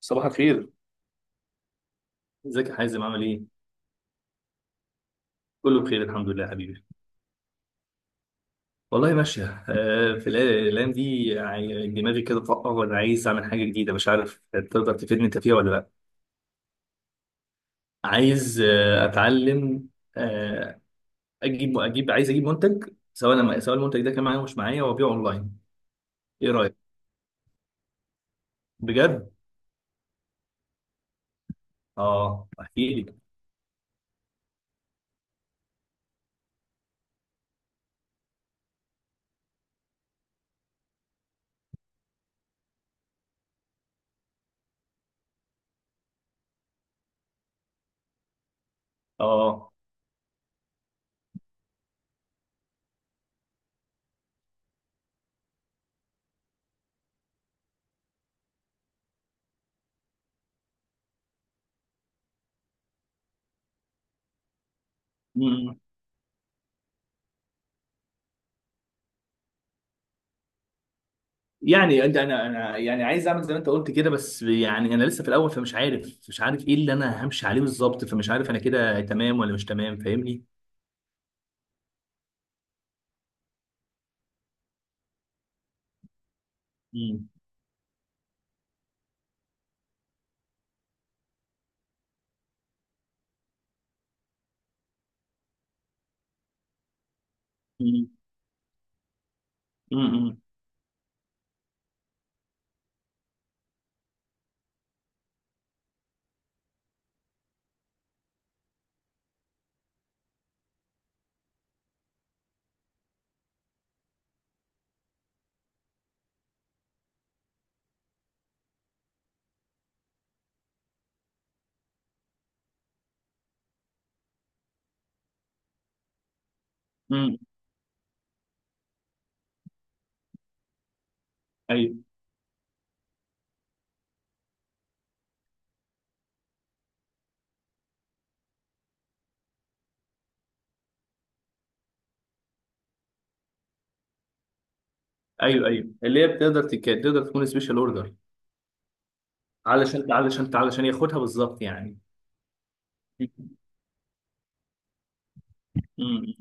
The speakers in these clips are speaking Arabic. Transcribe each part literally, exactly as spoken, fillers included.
صباح الخير. ازيك يا حازم، عامل ايه؟ كله بخير، الحمد لله يا حبيبي. والله ماشية. آه، في الأي- الأيام دي يعني دماغي كده طاقة، وأنا عايز أعمل حاجة جديدة. مش عارف تقدر تفيدني أنت فيها ولا لأ. عايز آه، أتعلم. آه، أجيب أجيب عايز أجيب منتج، سواء لما سواء المنتج ده كان معايا ومش معايا، وأبيعه أونلاين. إيه رأيك؟ بجد؟ آه، أحكي لي. آه يعني انت، انا انا يعني عايز اعمل زي ما انت قلت كده، بس يعني انا لسه في الاول، فمش عارف مش عارف ايه اللي انا همشي عليه بالظبط، فمش عارف انا كده تمام ولا مش تمام. فاهمني؟ امم، امم، امم، امم. ايوه، ايوه، ايوه اللي هي بتقدر تك... تقدر تكون سبيشال اوردر. علشان علشان علشان ياخدها بالظبط يعني. امم،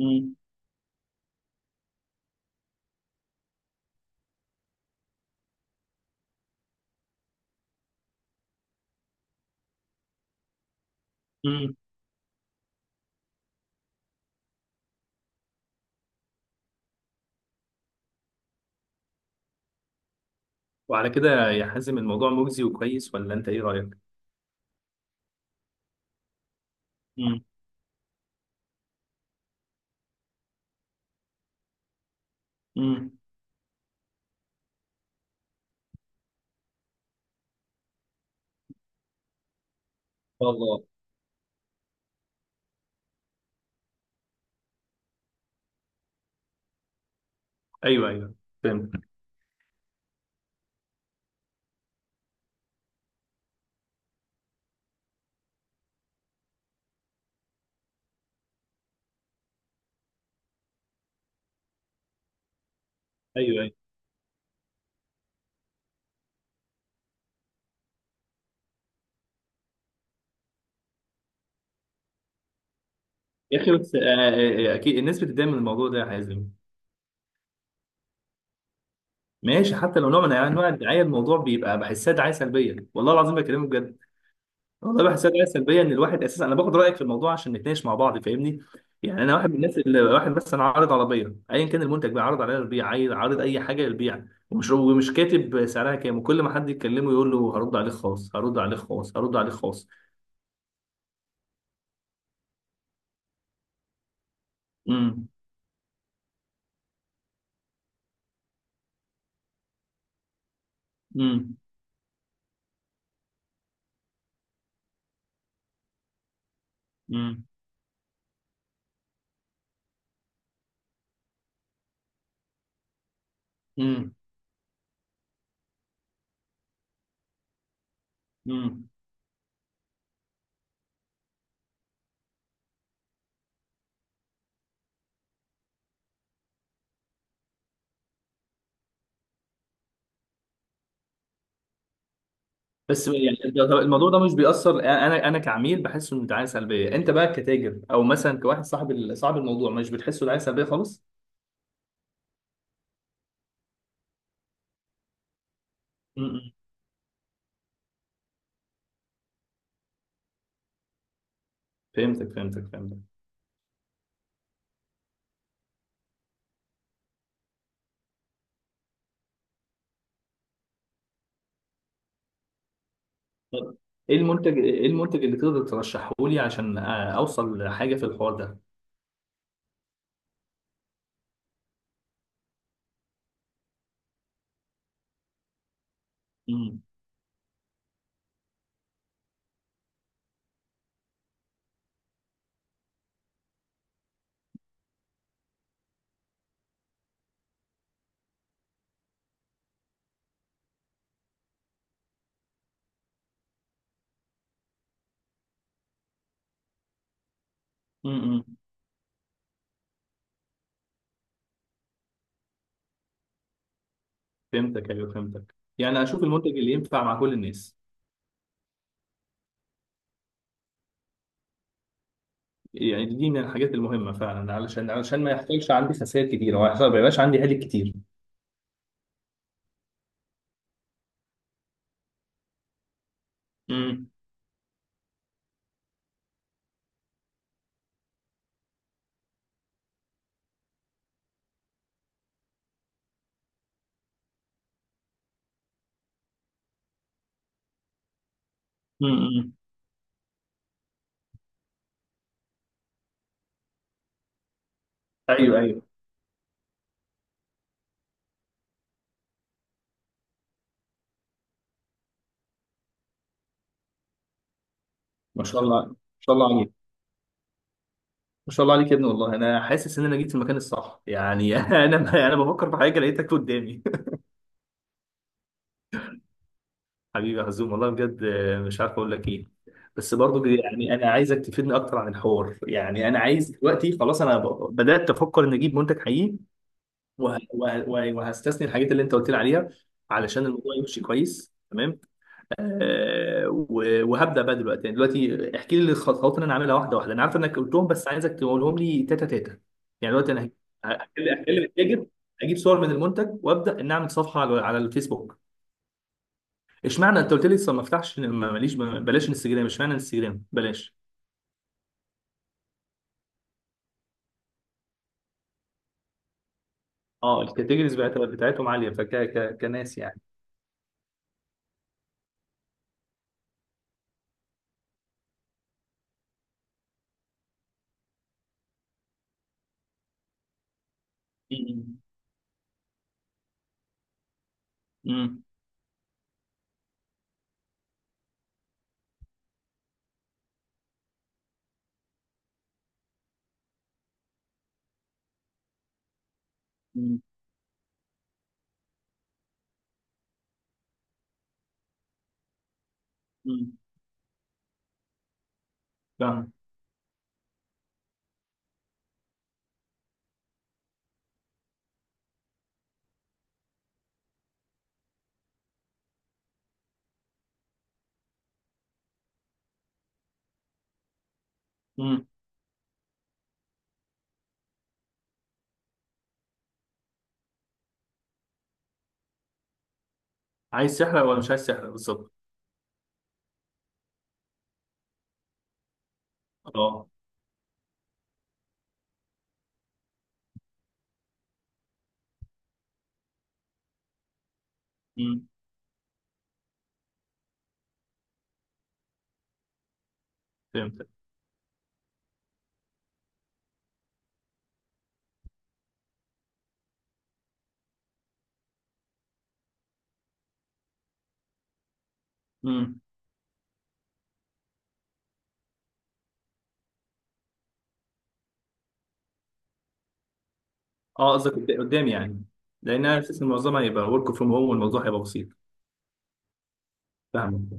امم، امم. وعلى كده يا حازم، الموضوع مجزي وكويس ولا انت ايه رايك؟ امم، امم. والله. ايوه، ايوه، فهمت. ايوه، أيوه. يا اخي بس آه، آه، آه، اكيد الناس بتتضايق من الموضوع ده يا حازم. ماشي، حتى لو نوع من انواع الدعايه الموضوع بيبقى بحسها دعايه سلبيه، والله العظيم بكلمك بجد. والله بحسها دعايه سلبيه، ان الواحد اساسا انا باخد رايك في الموضوع عشان نتناقش مع بعض. فاهمني؟ يعني انا واحد من الناس اللي واحد مثلا عارض عربيه، ايا كان المنتج بقى عارض عليها للبيع، عايز- عارض اي حاجه للبيع. ومش ومش كاتب سعرها كام، وكل ما حد يتكلمه يقول له هرد عليك خاص، هرد عليك خاص، هرد عليك خاص. امم، امم، امم، امم. بس يعني انت- طب الموضوع ده مش بيأثر؟ انا انا كعميل بحسه انه دعايه سلبيه. انت بقى كتاجر او مثلا كواحد صاحب ال- صاحب الموضوع مش بتحسه دعايه سلبيه خالص؟ م-م. فهمتك، فهمتك، فهمتك. طب ايه المنتج ايه المنتج اللي تقدر ترشحه لي عشان آه، اوصل لحاجه في الحوار ده؟ م-م. م-م. فهمتك، ايوه، فهمتك. يعني اشوف المنتج اللي ينفع مع كل الناس. يعني دي من الحاجات المهمه فعلا، علشان علشان ما يحصلش عندي خسائر كتير، او ما يحصل- ما يبقاش عندي هالك كتير. م-م. م-م. ايوه، ايوه. ما شاء الله، ما شاء الله عليك، ما شاء الله عليك يا ابني. والله انا حاسس ان انا جيت في المكان الصح، يعني انا انا بفكر في حاجه لقيتك قدامي. حبيبي يا حزوم، والله بجد آه، مش عارف اقول لك ايه. بس برضو يعني انا عايزك تفيدني اكتر عن الحوار. يعني انا عايز دلوقتي خلاص، انا ب- بدات افكر ان اجيب منتج حقيقي. وه... وه... وه- وهستثني الحاجات اللي انت قلت لي عليها علشان الموضوع يمشي كويس. تمام. آه، و- وهبدا بقى دلوقتي. يعني دلوقتي احكي لي الخطوات اللي انا عاملها واحده واحده. انا عارف انك قلتهم، بس عايزك تقولهم لي تاتا تاتا. يعني دلوقتي انا هكلم هكلم التاجر، اجيب صور من المنتج، وابدا ان اعمل صفحه على على الفيسبوك. اشمعنى انت قلت لي لسه ما افتحش ما- ماليش بلاش انستجرام؟ اشمعنى انستجرام بلاش؟ اه، الكاتيجوريز بتاعت- بتاعتهم عاليه، فك ك- كناس يعني. امم، امم، امم، امم. فاهم. امم. عايز سحر ولا مش عايز سحر بالظبط. اه، امم. فهمت. اه قصدك قد- قدام يعني. لان انا اساس معظمها هيبقى ورك فروم هوم، والموضوع هيبقى بسيط. فاهمك.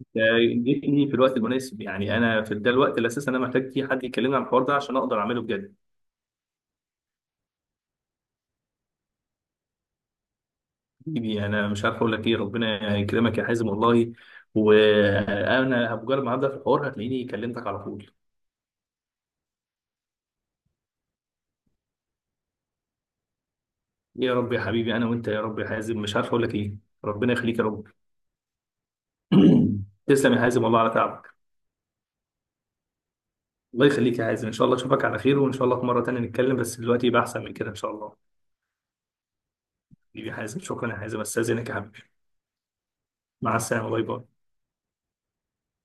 آه، جيتني في الوقت المناسب. يعني انا في ده الوقت اللي اساسا انا محتاج فيه حد يكلمني عن الحوار ده عشان اقدر اعمله بجد. حبيبي، انا مش عارف اقول لك ايه. ربنا يكرمك يا حازم، والله. وانا بمجرد ما هبدا في الحوار هتلاقيني كلمتك على طول. يا رب يا حبيبي، انا وانت يا رب يا حازم. مش عارف اقول لك ايه. ربنا يخليك يا رب. تسلم يا حازم، والله على تعبك. الله يخليك يا حازم، ان شاء الله اشوفك على خير، وان شاء الله في مره تانيه نتكلم، بس دلوقتي يبقى احسن من كده ان شاء الله. حبيبي حازم، شكرا يا حازم، استاذنك يا حبيبي. مع السلامه. باي باي.